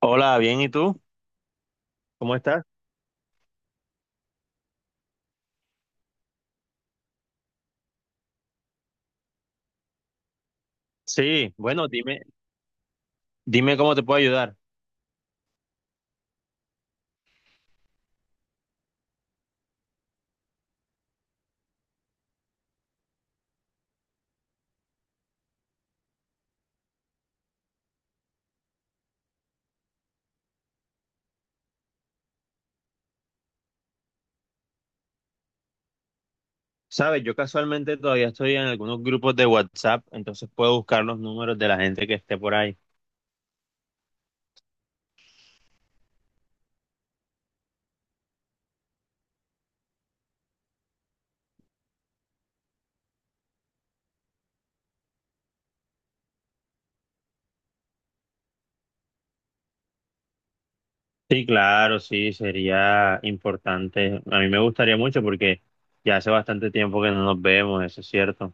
Hola, bien, ¿y tú? ¿Cómo estás? Sí, bueno, dime cómo te puedo ayudar. Sabes, yo casualmente todavía estoy en algunos grupos de WhatsApp, entonces puedo buscar los números de la gente que esté por ahí. Sí, claro, sí, sería importante. A mí me gustaría mucho porque ya hace bastante tiempo que no nos vemos, eso es cierto.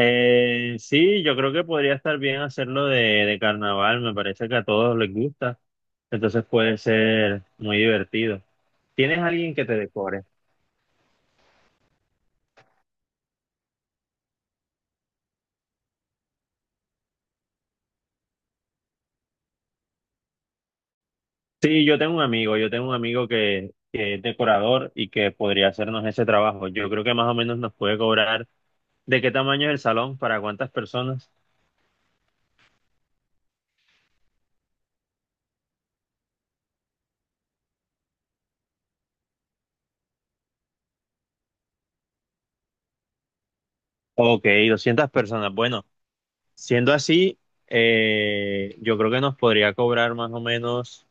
Sí, yo creo que podría estar bien hacerlo de carnaval, me parece que a todos les gusta, entonces puede ser muy divertido. ¿Tienes alguien que te decore? Sí, yo tengo un amigo que es decorador y que podría hacernos ese trabajo. Yo creo que más o menos nos puede cobrar de qué tamaño es el salón, para cuántas personas. Ok, 200 personas. Bueno, siendo así, yo creo que nos podría cobrar más o menos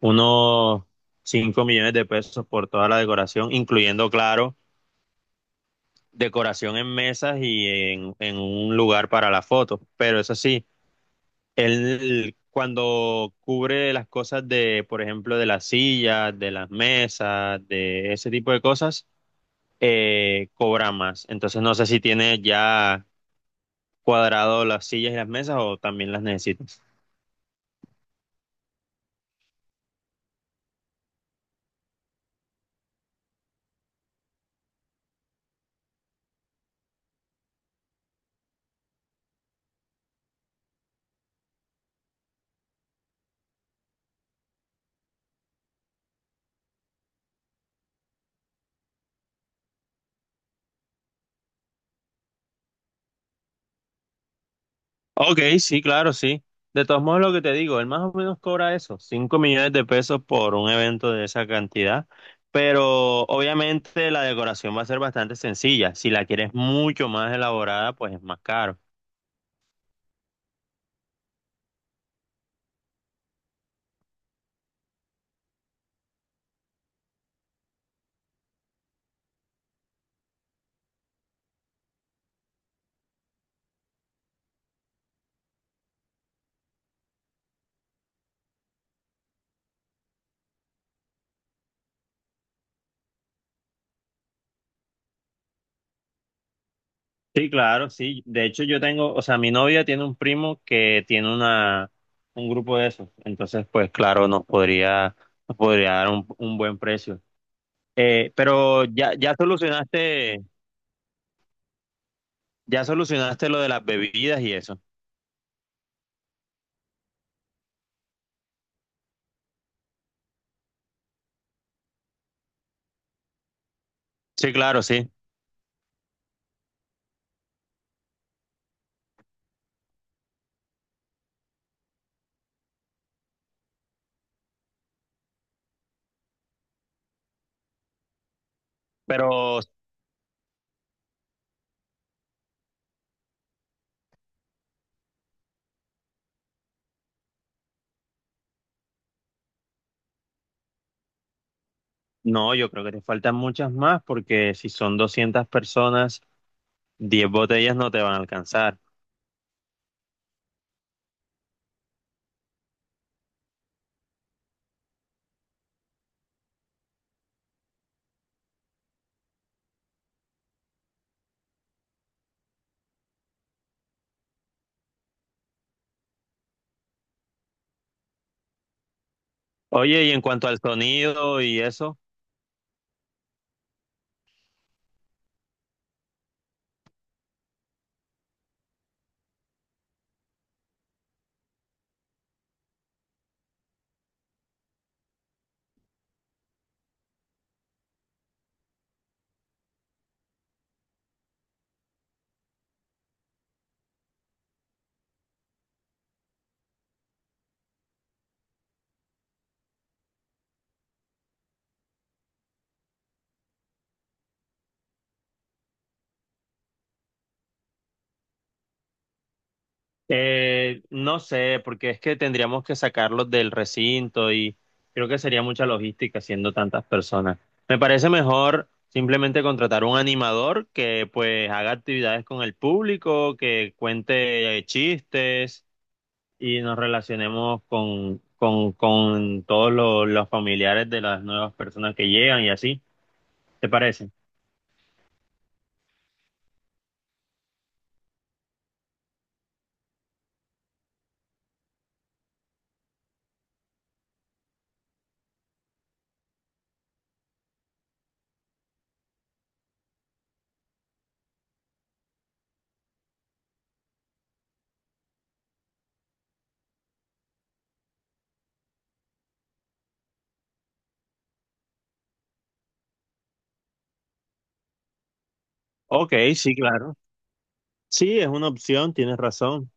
unos 5 millones de pesos por toda la decoración, incluyendo, claro, decoración en mesas y en un lugar para la foto. Pero eso sí. Él cuando cubre las cosas de, por ejemplo, de las sillas, de las mesas, de ese tipo de cosas, cobra más. Entonces no sé si tiene ya cuadrado las sillas y las mesas o también las necesitas. Ok, sí, claro, sí. De todos modos, lo que te digo, él más o menos cobra eso, 5 millones de pesos por un evento de esa cantidad, pero obviamente la decoración va a ser bastante sencilla. Si la quieres mucho más elaborada, pues es más caro. Sí, claro, sí. De hecho, yo tengo, o sea, mi novia tiene un primo que tiene un grupo de esos. Entonces, pues claro, nos podría dar un buen precio. Pero ya solucionaste lo de las bebidas y eso. Sí, claro, sí. Pero no, yo creo que te faltan muchas más porque si son 200 personas, 10 botellas no te van a alcanzar. Oye, y en cuanto al sonido y eso. No sé, porque es que tendríamos que sacarlos del recinto y creo que sería mucha logística siendo tantas personas. Me parece mejor simplemente contratar un animador que pues haga actividades con el público, que cuente chistes y nos relacionemos con, con todos los familiares de las nuevas personas que llegan y así. ¿Te parece? Ok, sí, claro. Sí, es una opción, tienes razón.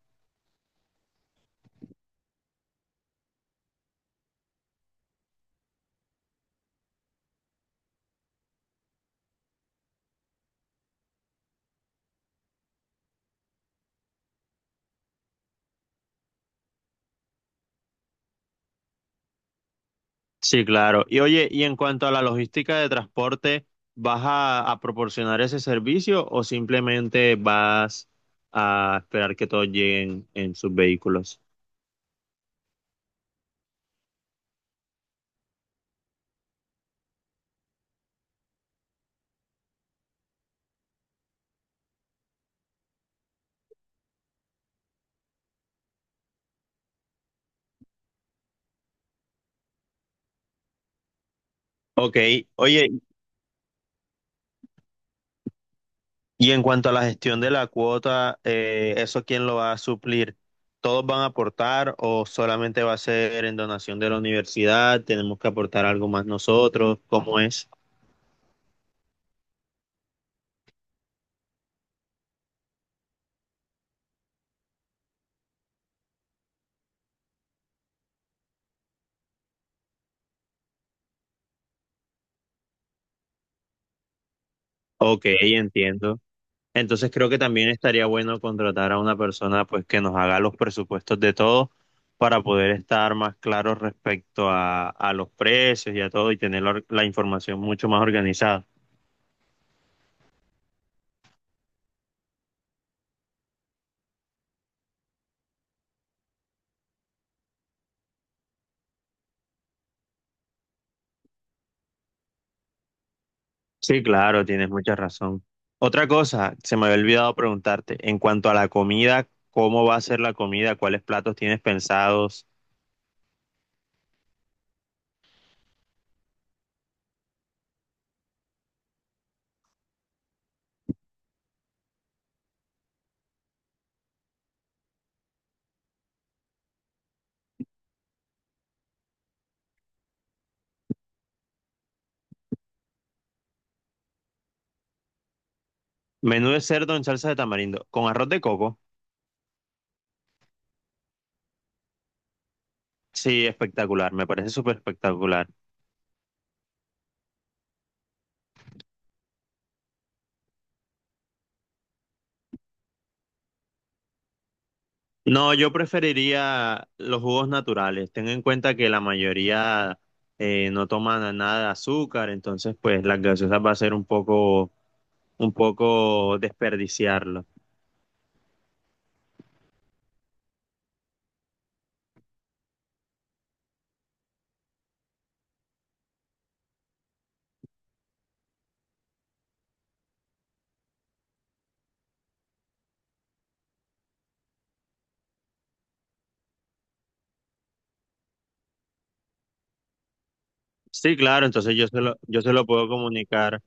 Sí, claro. Y oye, y en cuanto a la logística de transporte, ¿vas a proporcionar ese servicio o simplemente vas a esperar que todos lleguen en sus vehículos? Ok, oye, y en cuanto a la gestión de la cuota, ¿eso quién lo va a suplir? ¿Todos van a aportar o solamente va a ser en donación de la universidad? ¿Tenemos que aportar algo más nosotros? ¿Cómo es? Ok, entiendo. Entonces creo que también estaría bueno contratar a una persona pues que nos haga los presupuestos de todo para poder estar más claros respecto a los precios y a todo y tener la información mucho más organizada. Sí, claro, tienes mucha razón. Otra cosa, se me había olvidado preguntarte, en cuanto a la comida, ¿cómo va a ser la comida? ¿Cuáles platos tienes pensados? Menú de cerdo en salsa de tamarindo, con arroz de coco. Sí, espectacular, me parece súper espectacular. No, yo preferiría los jugos naturales. Ten en cuenta que la mayoría no toman nada de azúcar, entonces pues las gaseosas va a ser un poco desperdiciarlo. Sí, claro, entonces yo se lo puedo comunicar,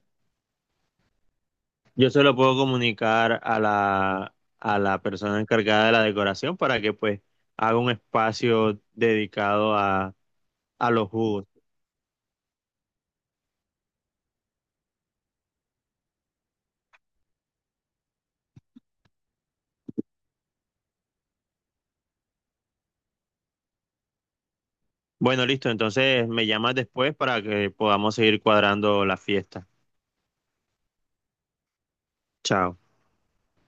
yo se lo puedo comunicar a a la persona encargada de la decoración para que pues haga un espacio dedicado a los jugos. Bueno, listo, entonces me llamas después para que podamos seguir cuadrando la fiesta. Chao.